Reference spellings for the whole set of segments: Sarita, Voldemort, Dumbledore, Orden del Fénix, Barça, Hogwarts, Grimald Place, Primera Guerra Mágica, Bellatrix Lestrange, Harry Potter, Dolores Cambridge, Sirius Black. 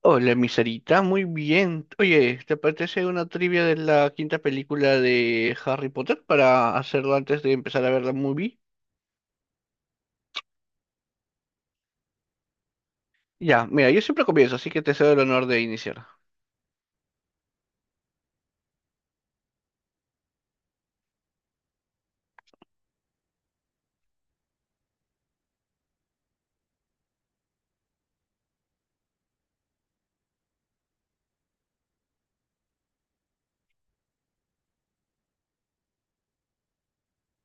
Hola, mi Sarita, muy bien. Oye, ¿te apetece una trivia de la quinta película de Harry Potter para hacerlo antes de empezar a ver la movie? Ya, mira, yo siempre comienzo, así que te cedo el honor de iniciar.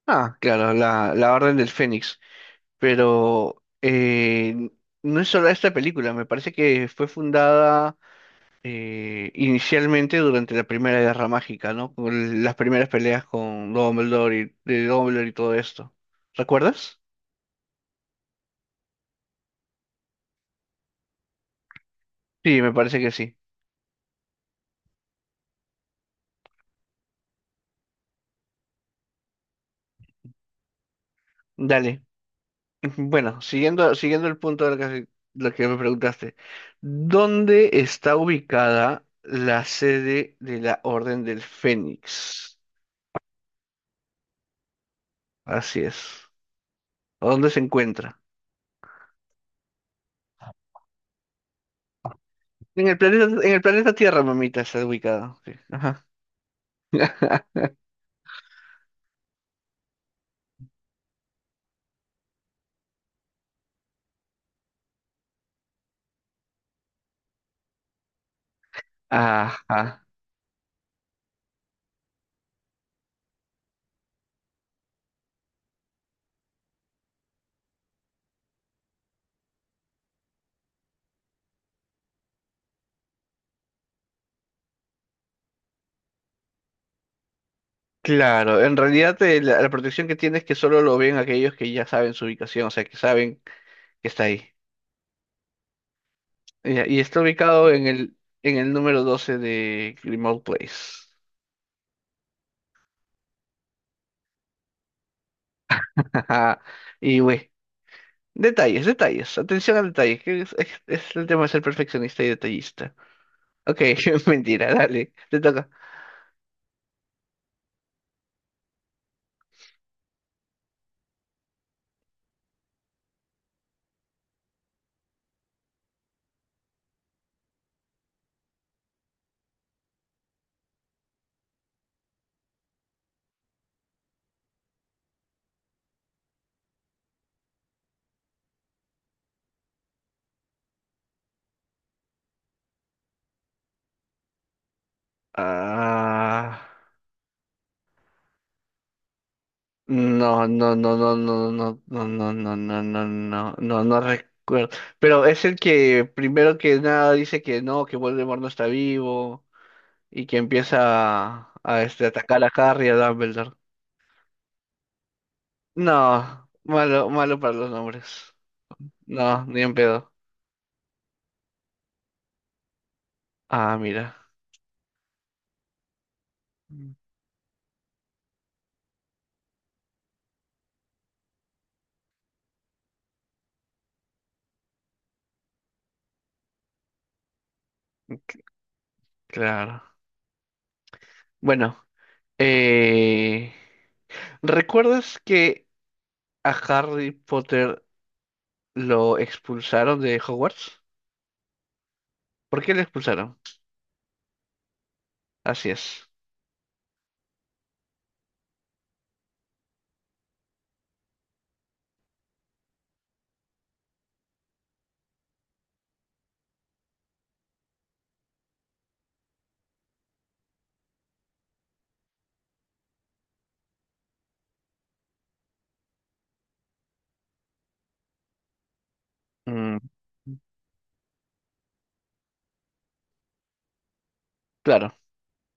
Ah, claro, la Orden del Fénix. Pero no es solo esta película, me parece que fue fundada inicialmente durante la Primera Guerra Mágica, ¿no? Con las primeras peleas con Dumbledore de Dumbledore y todo esto. ¿Recuerdas? Sí, me parece que sí. Dale. Bueno, siguiendo el punto de lo que me preguntaste, ¿dónde está ubicada la sede de la Orden del Fénix? Así es. ¿O dónde se encuentra? En el planeta Tierra, mamita, está ubicada. Sí. Ajá. Ajá. Claro, en realidad la protección que tiene es que solo lo ven aquellos que ya saben su ubicación, o sea, que saben que está ahí. Ya, y, está ubicado en en el número 12 de Grimald Place. Ajá. Y, güey. Detalles, detalles, atención a detalles, que es, es el tema de ser perfeccionista y detallista. Ok, mentira, dale, te toca. Ah, no, no, no, no, no, no, no, no, no, no, no, no, no, no recuerdo. Pero es el que primero que nada dice que no, que Voldemort no está vivo y que empieza a atacar a Harry y a Dumbledore. No, malo, malo para los nombres. No, ni en pedo. Ah, mira, claro. Bueno. Eh, ¿Recuerdas que a Harry Potter lo expulsaron de Hogwarts? ¿Por qué lo expulsaron? Así es. Mm, claro.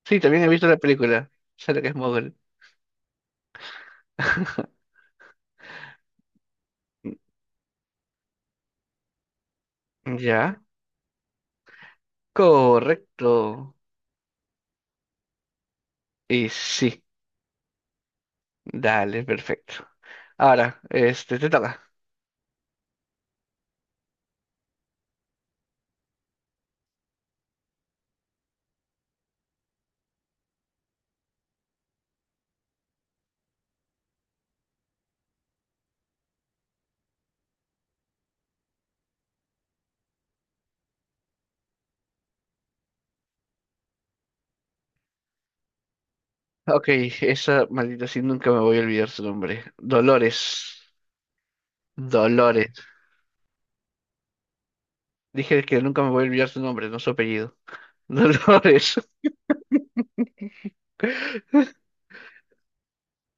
Sí, también he visto la película. Sale que es mogul. Ya. Correcto. Y sí. Dale, perfecto. Ahora, este, te toca. Ok, esa maldita sí nunca me voy a olvidar su nombre. Dolores. Dolores. Dije que nunca me voy a olvidar su nombre, no su apellido. Dolores.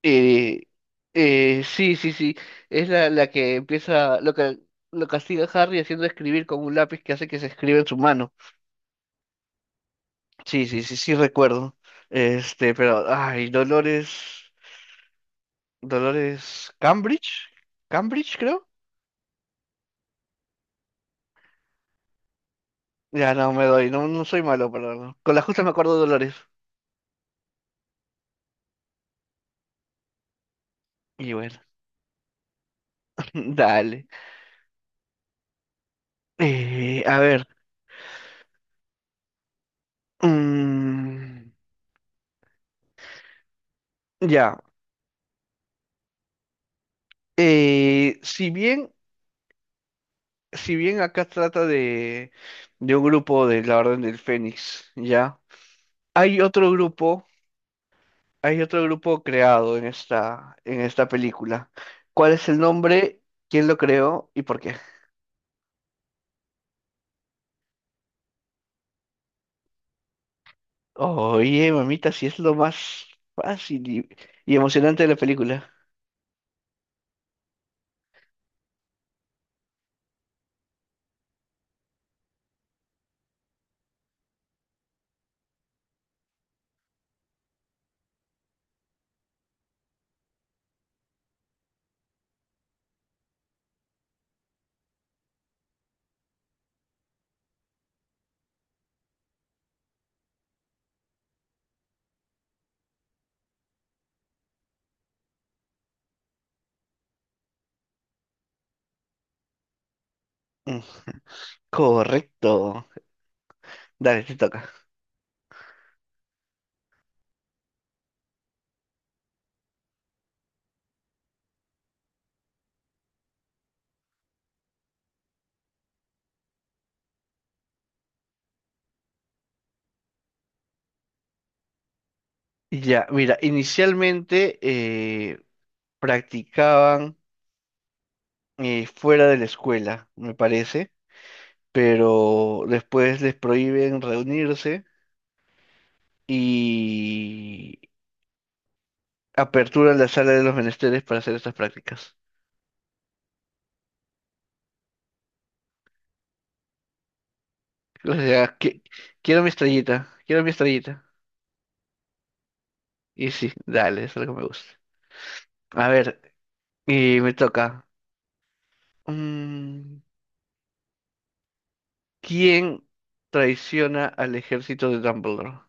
Eh, sí, sí, sí. Es la que empieza, lo que lo castiga a Harry haciendo escribir con un lápiz que hace que se escriba en su mano. Sí, sí, sí, sí recuerdo. Este, pero, ay, Dolores, Dolores Cambridge, Cambridge creo. Ya no me doy, no, no soy malo, pero no, con la justa me acuerdo de Dolores. Y bueno, dale. A ver, mm, ya. Eh, si bien si bien acá trata de un grupo de la Orden del Fénix, ¿ya? Hay otro grupo, hay otro grupo creado en en esta película. ¿Cuál es el nombre? ¿Quién lo creó y por qué? Oye, mamita, si es lo más fácil y emocionante de la película. Mm, correcto. Dale, te toca. Ya, mira, inicialmente practicaban fuera de la escuela, me parece. Pero después les prohíben reunirse y aperturan la sala de los menesteres para hacer estas prácticas. O sea, que quiero mi estrellita, quiero mi estrellita. Y sí, dale, es algo que me gusta. A ver, y me toca. Mm, ¿quién traiciona al ejército de Dumbledore?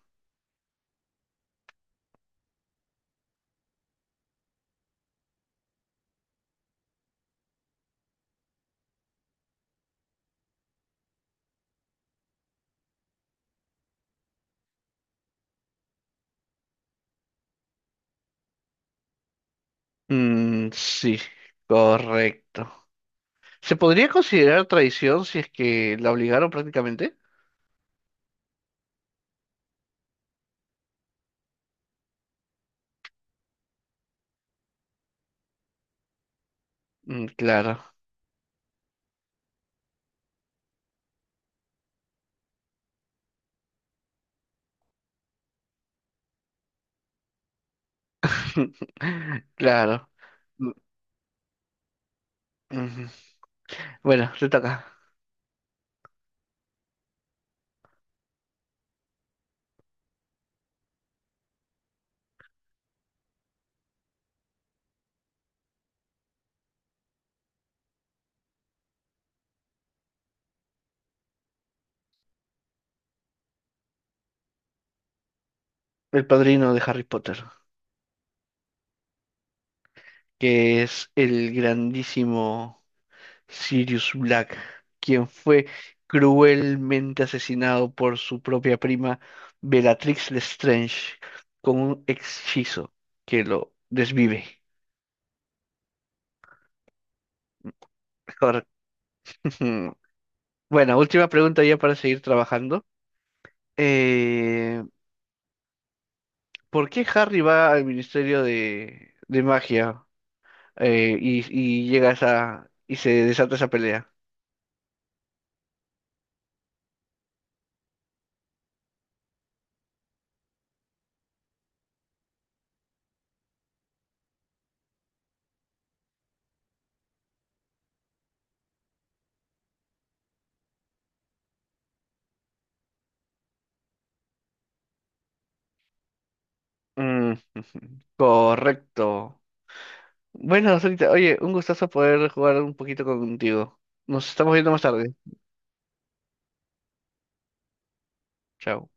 Mm, sí, correcto. ¿Se podría considerar traición si es que la obligaron prácticamente? Mm, claro. Claro. Ujú. Bueno, te toca. El padrino de Harry Potter, que es el grandísimo Sirius Black, quien fue cruelmente asesinado por su propia prima Bellatrix Lestrange con un hechizo que lo desvive. Cor- Bueno, última pregunta ya para seguir trabajando. Eh, ¿Por qué Harry va al Ministerio de Magia y llega esa y se desata esa pelea? Mm, correcto. Bueno, ahorita, oye, un gustazo poder jugar un poquito contigo. Nos estamos viendo más tarde. Chao.